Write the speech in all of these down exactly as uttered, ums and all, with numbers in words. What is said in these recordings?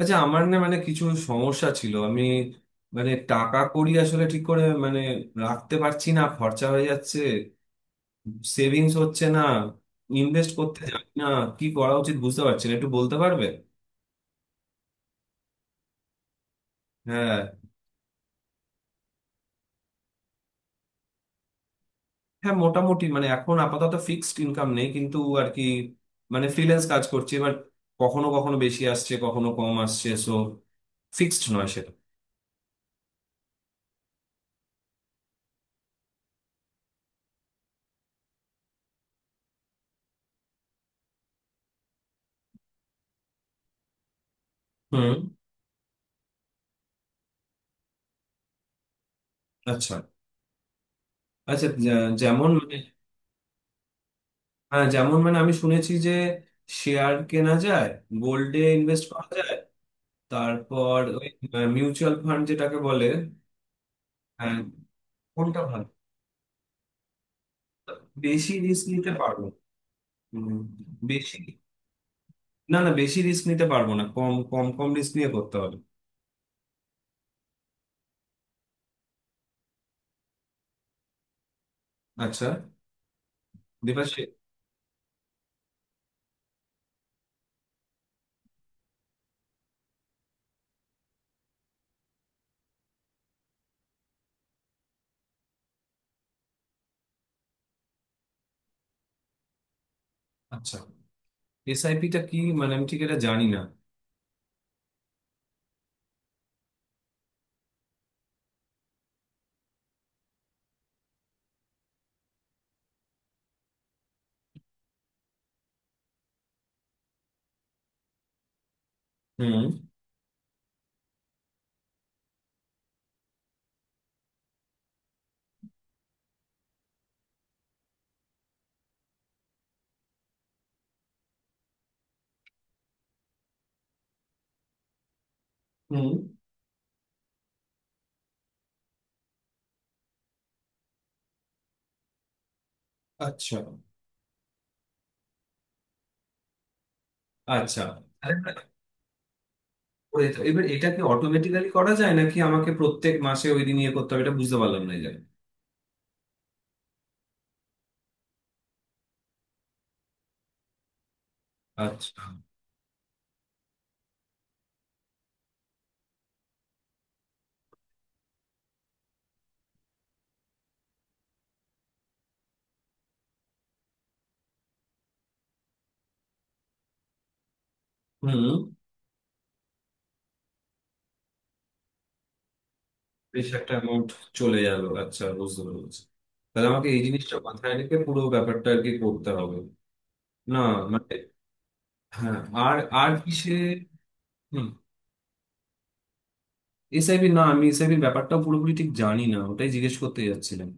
আচ্ছা আমার না মানে কিছু সমস্যা ছিল। আমি মানে টাকা কড়ি আসলে ঠিক করে মানে রাখতে পারছি না, খরচা হয়ে যাচ্ছে, সেভিংস হচ্ছে না, ইনভেস্ট করতে জানি না, কি করা উচিত বুঝতে পারছি না, একটু বলতে পারবে? হ্যাঁ। হ্যাঁ, মোটামুটি মানে এখন আপাতত ফিক্সড ইনকাম নেই, কিন্তু আর কি মানে ফ্রিল্যান্স কাজ করছি। এবার কখনো কখনো বেশি আসছে, কখনো কম আসছে, সো ফিক্সড নয় সেটা। হুম। আচ্ছা। আচ্ছা, যে- যেমন মানে হ্যাঁ, যেমন মানে আমি শুনেছি যে শেয়ার কেনা যায়, গোল্ডে ইনভেস্ট করা যায়, তারপর ওই মিউচুয়াল ফান্ড যেটাকে বলে। হ্যাঁ। কোনটা ভালো? বেশি রিস্ক নিতে পারবো? উম, বেশি? না না, বেশি রিস্ক নিতে পারবো না, কম কম কম রিস্ক নিয়ে করতে হবে। আচ্ছা। দেবাশে আচ্ছা, এসআইপি টা কি? মানে আমি ঠিক এটা জানি না। হুম। হুম। আচ্ছা। আচ্ছা। আরে না, ওই তো, এবার এটা কি অটোমেটিক্যালি করা যায় নাকি আমাকে প্রত্যেক মাসে ওই দিন ইয়ে করতে হবে? এটা বুঝতে পারলাম না এই জায়গায়। আচ্ছা। হুম। বেশ একটা অ্যামাউন্ট চলে গেল, আচ্ছা বুঝতে পেরেছি। তাহলে আমাকে এই জিনিসটা মাথায় রেখে পুরো ব্যাপারটা আর কি করতে হবে। না, মানে হ্যাঁ। আর, আর কিসে? হুম। এস আই বি, না আমি এস আই বির ব্যাপারটা পুরোপুরি ঠিক জানি না, ওটাই জিজ্ঞেস করতে যাচ্ছিলাম।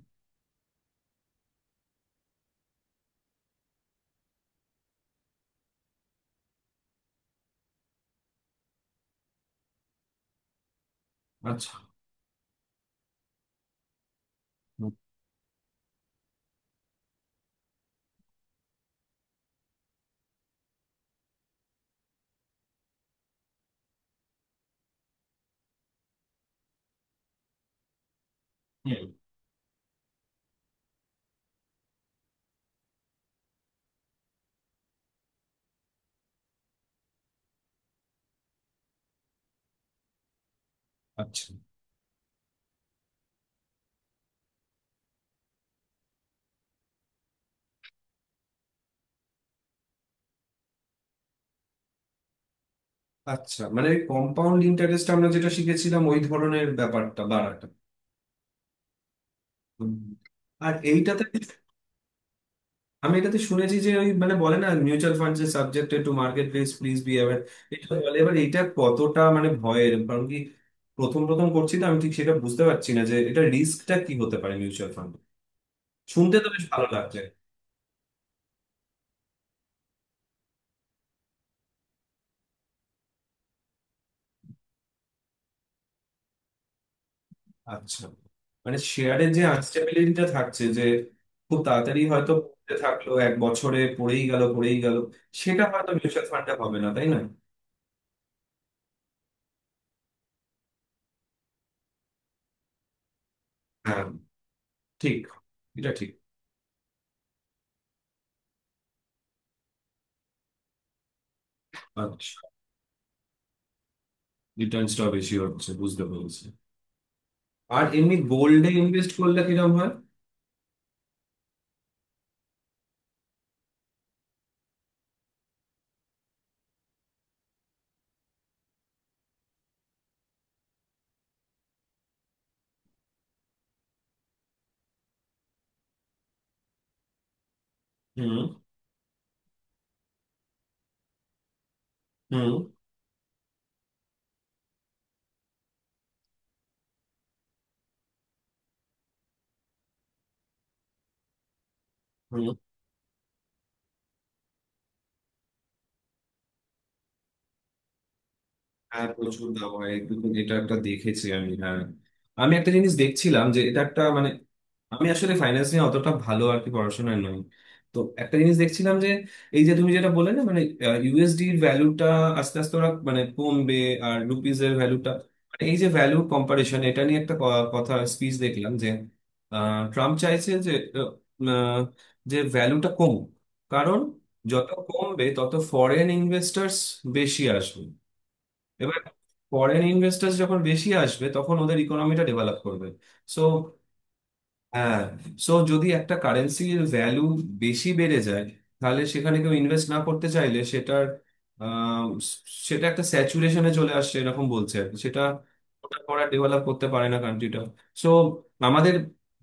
আচ্ছা। হুম। আচ্ছা। আচ্ছা, মানে কম্পাউন্ড ইন্টারেস্ট আমরা যেটা শিখেছিলাম ওই ধরনের ব্যাপারটা, বাড়াটা। হুম। আর এইটাতে আমি এটাতে শুনেছি যে ওই মানে বলে না, মিউচুয়াল ফান্ড যে subjected to market risk, please be aware, এটা বলে। এবার এটা কতটা মানে ভয়ের কারণ কি? প্রথম প্রথম করছি তো, আমি ঠিক সেটা বুঝতে পারছি না যে এটা রিস্কটা কি হতে পারে মিউচুয়াল ফান্ড। শুনতে তো বেশ ভালো লাগছে। আচ্ছা, মানে শেয়ারের যে আনস্টেবিলিটিটা থাকছে, যে খুব তাড়াতাড়ি হয়তো পড়তে থাকলো, এক বছরে পড়েই গেল পড়েই গেল, সেটা হয়তো মিউচুয়াল ফান্ডে হবে না তাই না? হ্যাঁ। ঠিক। এটা ঠিক। আচ্ছা। রিটার্নসটা বেশি হচ্ছে, বুঝতে পেরেছি। আর এমনি গোল্ডে ইনভেস্ট করলে কিরকম হয়? হুম। হুম। হুম। হ্যাঁ প্রচুর দাম হয়, দুদিন এটা একটা দেখেছি আমি, হ্যাঁ। আমি একটা জিনিস দেখছিলাম যে এটা একটা মানে আমি আসলে ফাইন্যান্স নিয়ে অতটা ভালো আর কি পড়াশোনায় নই। তো একটা জিনিস দেখছিলাম যে এই যে তুমি যেটা বললে না, মানে ইউ এস ডি এর ভ্যালুটা আস্তে আস্তে ওরা মানে কমবে, আর রুপিজ এর ভ্যালুটা, মানে এই যে ভ্যালু কম্পারিশন, এটা নিয়ে একটা ক- কথা, স্পিচ দেখলাম যে আহ, ট্রাম্প চাইছে যে আহ, আহ, যে ভ্যালুটা কমুক, কারণ যত কমবে তত ফরেন ইনভেস্টার্স বেশি আসবে। এবার ফরেন ইনভেস্টার যখন বেশি আসবে, তখন ওদের ইকোনমিটা ডেভেলপ করবে, সো হ্যাঁ, সো যদি একটা কারেন্সির ভ্যালু বেশি বেড়ে যায়, তাহলে সেখানে কেউ ইনভেস্ট না করতে চাইলে সেটার আম, সেটা একটা স্যাচুরেশনে চলে আসছে এরকম বলছে আর কি। সেটা ওটা করা ডেভেলপ করতে পারে না কান্ট্রিটা। সো আমাদের,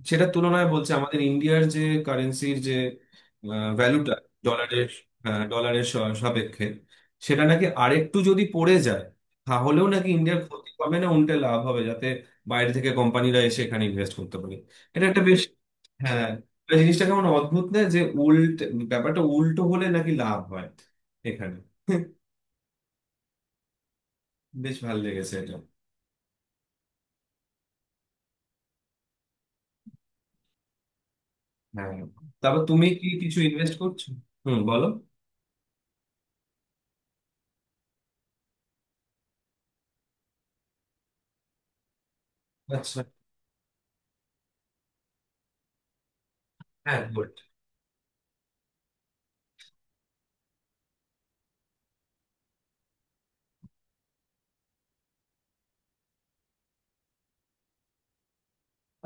সেটার তুলনায় বলছে আমাদের ইন্ডিয়ার যে কারেন্সির যে ভ্যালুটা, ডলারের ডলারের সাপেক্ষে সেটা নাকি আরেকটু যদি পড়ে যায়, তাহলেও নাকি ইন্ডিয়ার ক্ষতি হবে না, উল্টে লাভ হবে, যাতে বাইরে থেকে কোম্পানিরা এসে এখানে ইনভেস্ট করতে পারে। এটা একটা বেশ। হ্যাঁ, মানে জিনিসটা কেমন অদ্ভুত না, যে উল্ট ব্যাপারটা উল্টো হলে নাকি লাভ হয় এখানে। বেশ ভালো লেগেছে এটা। হ্যাঁ, তারপর তুমি কি কিছু ইনভেস্ট করছো? হুম, বলো। আচ্ছা। হ্যাঁ গোল্ড।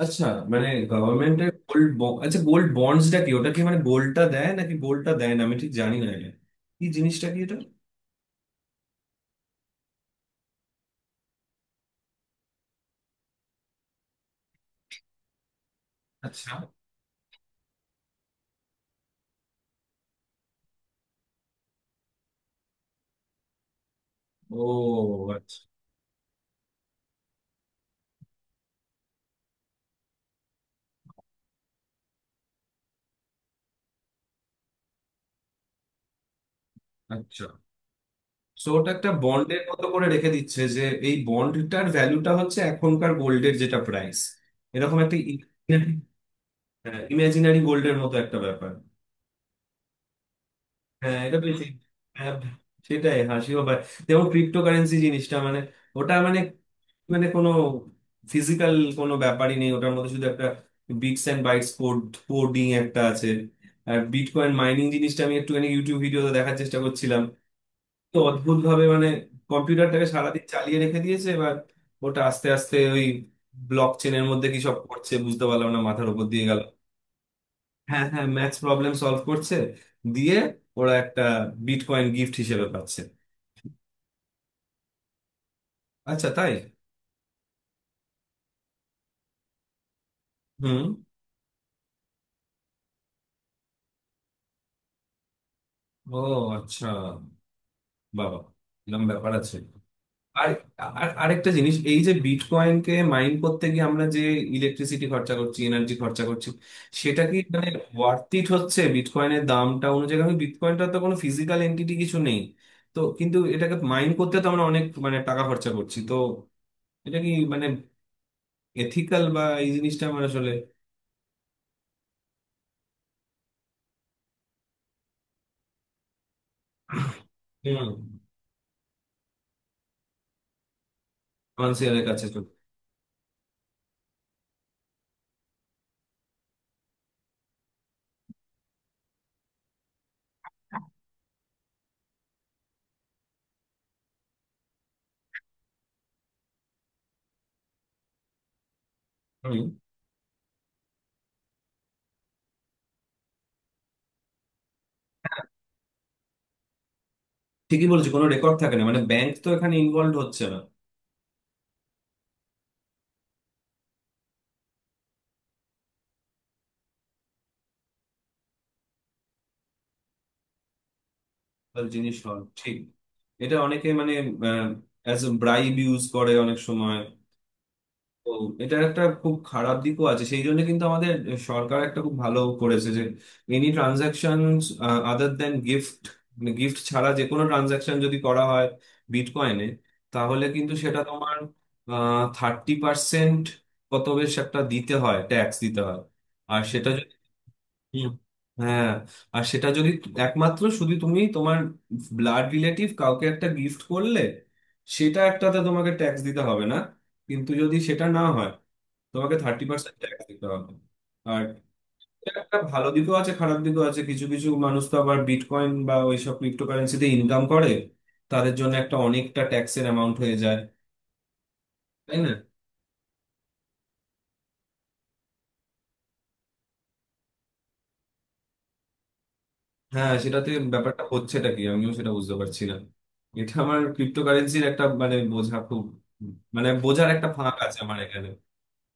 আচ্ছা, মানে গভর্নমেন্টের গোল্ড, আচ্ছা গোল্ড বন্ডসটা কি? ওটা কি মানে গোল্ডটা দেয় নাকি গোল্ডটা দেয় না, আমি ঠিক জানি না এটা কি জিনিসটা কি এটা। আচ্ছা। ও। আচ্ছা। আচ্ছা, সো ওটা একটা বন্ডের মতো করে রেখে দিচ্ছে যে এই বন্ডটার ভ্যালুটা হচ্ছে এখনকার গোল্ডের যেটা প্রাইস, এরকম একটা ইমাজিনারি গোল্ডের মতো একটা ব্যাপার। হ্যাঁ এটা বেশ। হ্যাঁ, সেটাই, হাসিও পায়। যেমন ক্রিপ্টোকারেন্সি জিনিসটা মানে ওটা মানে মানে কোনো ফিজিক্যাল কোনো ব্যাপারই নেই ওটার মধ্যে, শুধু একটা bits and bytes code, coding একটা আছে। আর বিটকয়েন মাইনিং জিনিসটা আমি একটুখানি ইউটিউব ভিডিওতে দেখার চেষ্টা করছিলাম। তো অদ্ভুত ভাবে মানে কম্পিউটারটাকে সারাদিন চালিয়ে রেখে দিয়েছে, এবার ওটা আস্তে আস্তে ওই ব্লক চেনের মধ্যে কি সব করছে বুঝতে পারলাম না, মাথার উপর দিয়ে গেল। হ্যাঁ হ্যাঁ, ম্যাথস প্রবলেম সলভ করছে, দিয়ে ওরা একটা বিটকয়েন গিফট হিসেবে পাচ্ছে। আচ্ছা, তাই? হুম। ও আচ্ছা, বাবা, এরকম ব্যাপার আছে। আর আর আরেকটা জিনিস, এই যে বিটকয়েনকে মাইন করতে গিয়ে আমরা যে ইলেকট্রিসিটি খরচা করছি, এনার্জি খরচা করছি, সেটা কি মানে ওয়ার্থ ইট হচ্ছে বিটকয়েনের দামটা অনুযায়ী? কারণ বিটকয়েনটা তো কোনো ফিজিক্যাল এন্টিটি কিছু নেই, তো কিন্তু এটাকে মাইন করতে তো আমরা অনেক মানে টাকা খরচা করছি তো। এটা কি মানে এথিক্যাল, বা এই জিনিসটা আমার আসলে, ফাইন্যান্সিয়ালের কাছে তো। হুম, ঠিকই বলছি, কোনো রেকর্ড থাকে না, মানে ব্যাংক তো এখানে ইনভলভ হচ্ছে না। জিনিস হয়, ঠিক। এটা অনেকে মানে অ্যাজ এ ব্রাইব ইউজ করে অনেক সময়। তো এটা একটা খুব খারাপ দিকও আছে। সেই জন্য কিন্তু আমাদের সরকার একটা খুব ভালো করেছে, যে any transaction other than gift, gift ছাড়া যে কোনো ট্রানজাকশন যদি করা হয় বিটকয়েনে, তাহলে কিন্তু সেটা তোমার থার্টি পার্সেন্ট, কত, বেশ একটা দিতে হয়, ট্যাক্স দিতে হয়। আর সেটা, হুম। হ্যাঁ, আর সেটা যদি তু- একমাত্র শুধু তুমি তোমার ব্লাড রিলেটিভ কাউকে একটা গিফট করলে, সেটা একটাতে তোমাকে ট্যাক্স দিতে হবে না, কিন্তু যদি সেটা না হয়, তোমাকে থার্টি পার্সেন্ট ট্যাক্স দিতে হবে। আর এটা একটা ভালো দিকও আছে, খারাপ দিকও আছে। কিছু কিছু মানুষ তো আবার বিটকয়েন বা ওইসব ক্রিপ্টোকারেন্সিতে ইনকাম করে, তাদের জন্য একটা অনেকটা ট্যাক্সের অ্যামাউন্ট হয়ে যায়, তাই না? হ্যাঁ সেটাতে ব্যাপারটা হচ্ছেটা কি আমিও সেটা বুঝতে পারছি না। এটা আমার ক্রিপ্টোকারেন্সির একটা মানে বোঝা খুব মানে বোঝার একটা ফাঁক আছে আমার এখানে।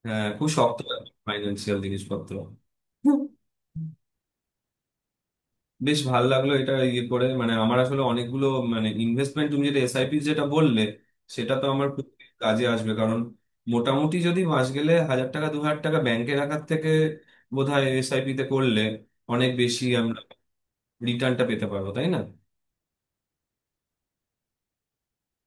হ্যাঁ, খুব শক্ত ফাইন্যান্সিয়াল জিনিসপত্র। হুম। বেশ ভালো লাগলো এটা ইয়ে করে। মানে আমার আসলে অনেকগুলো মানে ইনভেস্টমেন্ট, তুমি যেটা এস আই পি যেটা বললে, সেটা তো আমার খুব কাজে আসবে, কারণ মোটামুটি যদি মাস গেলে হাজার টাকা দু হাজার টাকা ব্যাংকে রাখার থেকে বোধহয় এসআইপি তে করলে অনেক বেশি আমরা রিটার্নটা পেতে পারবো, তাই না?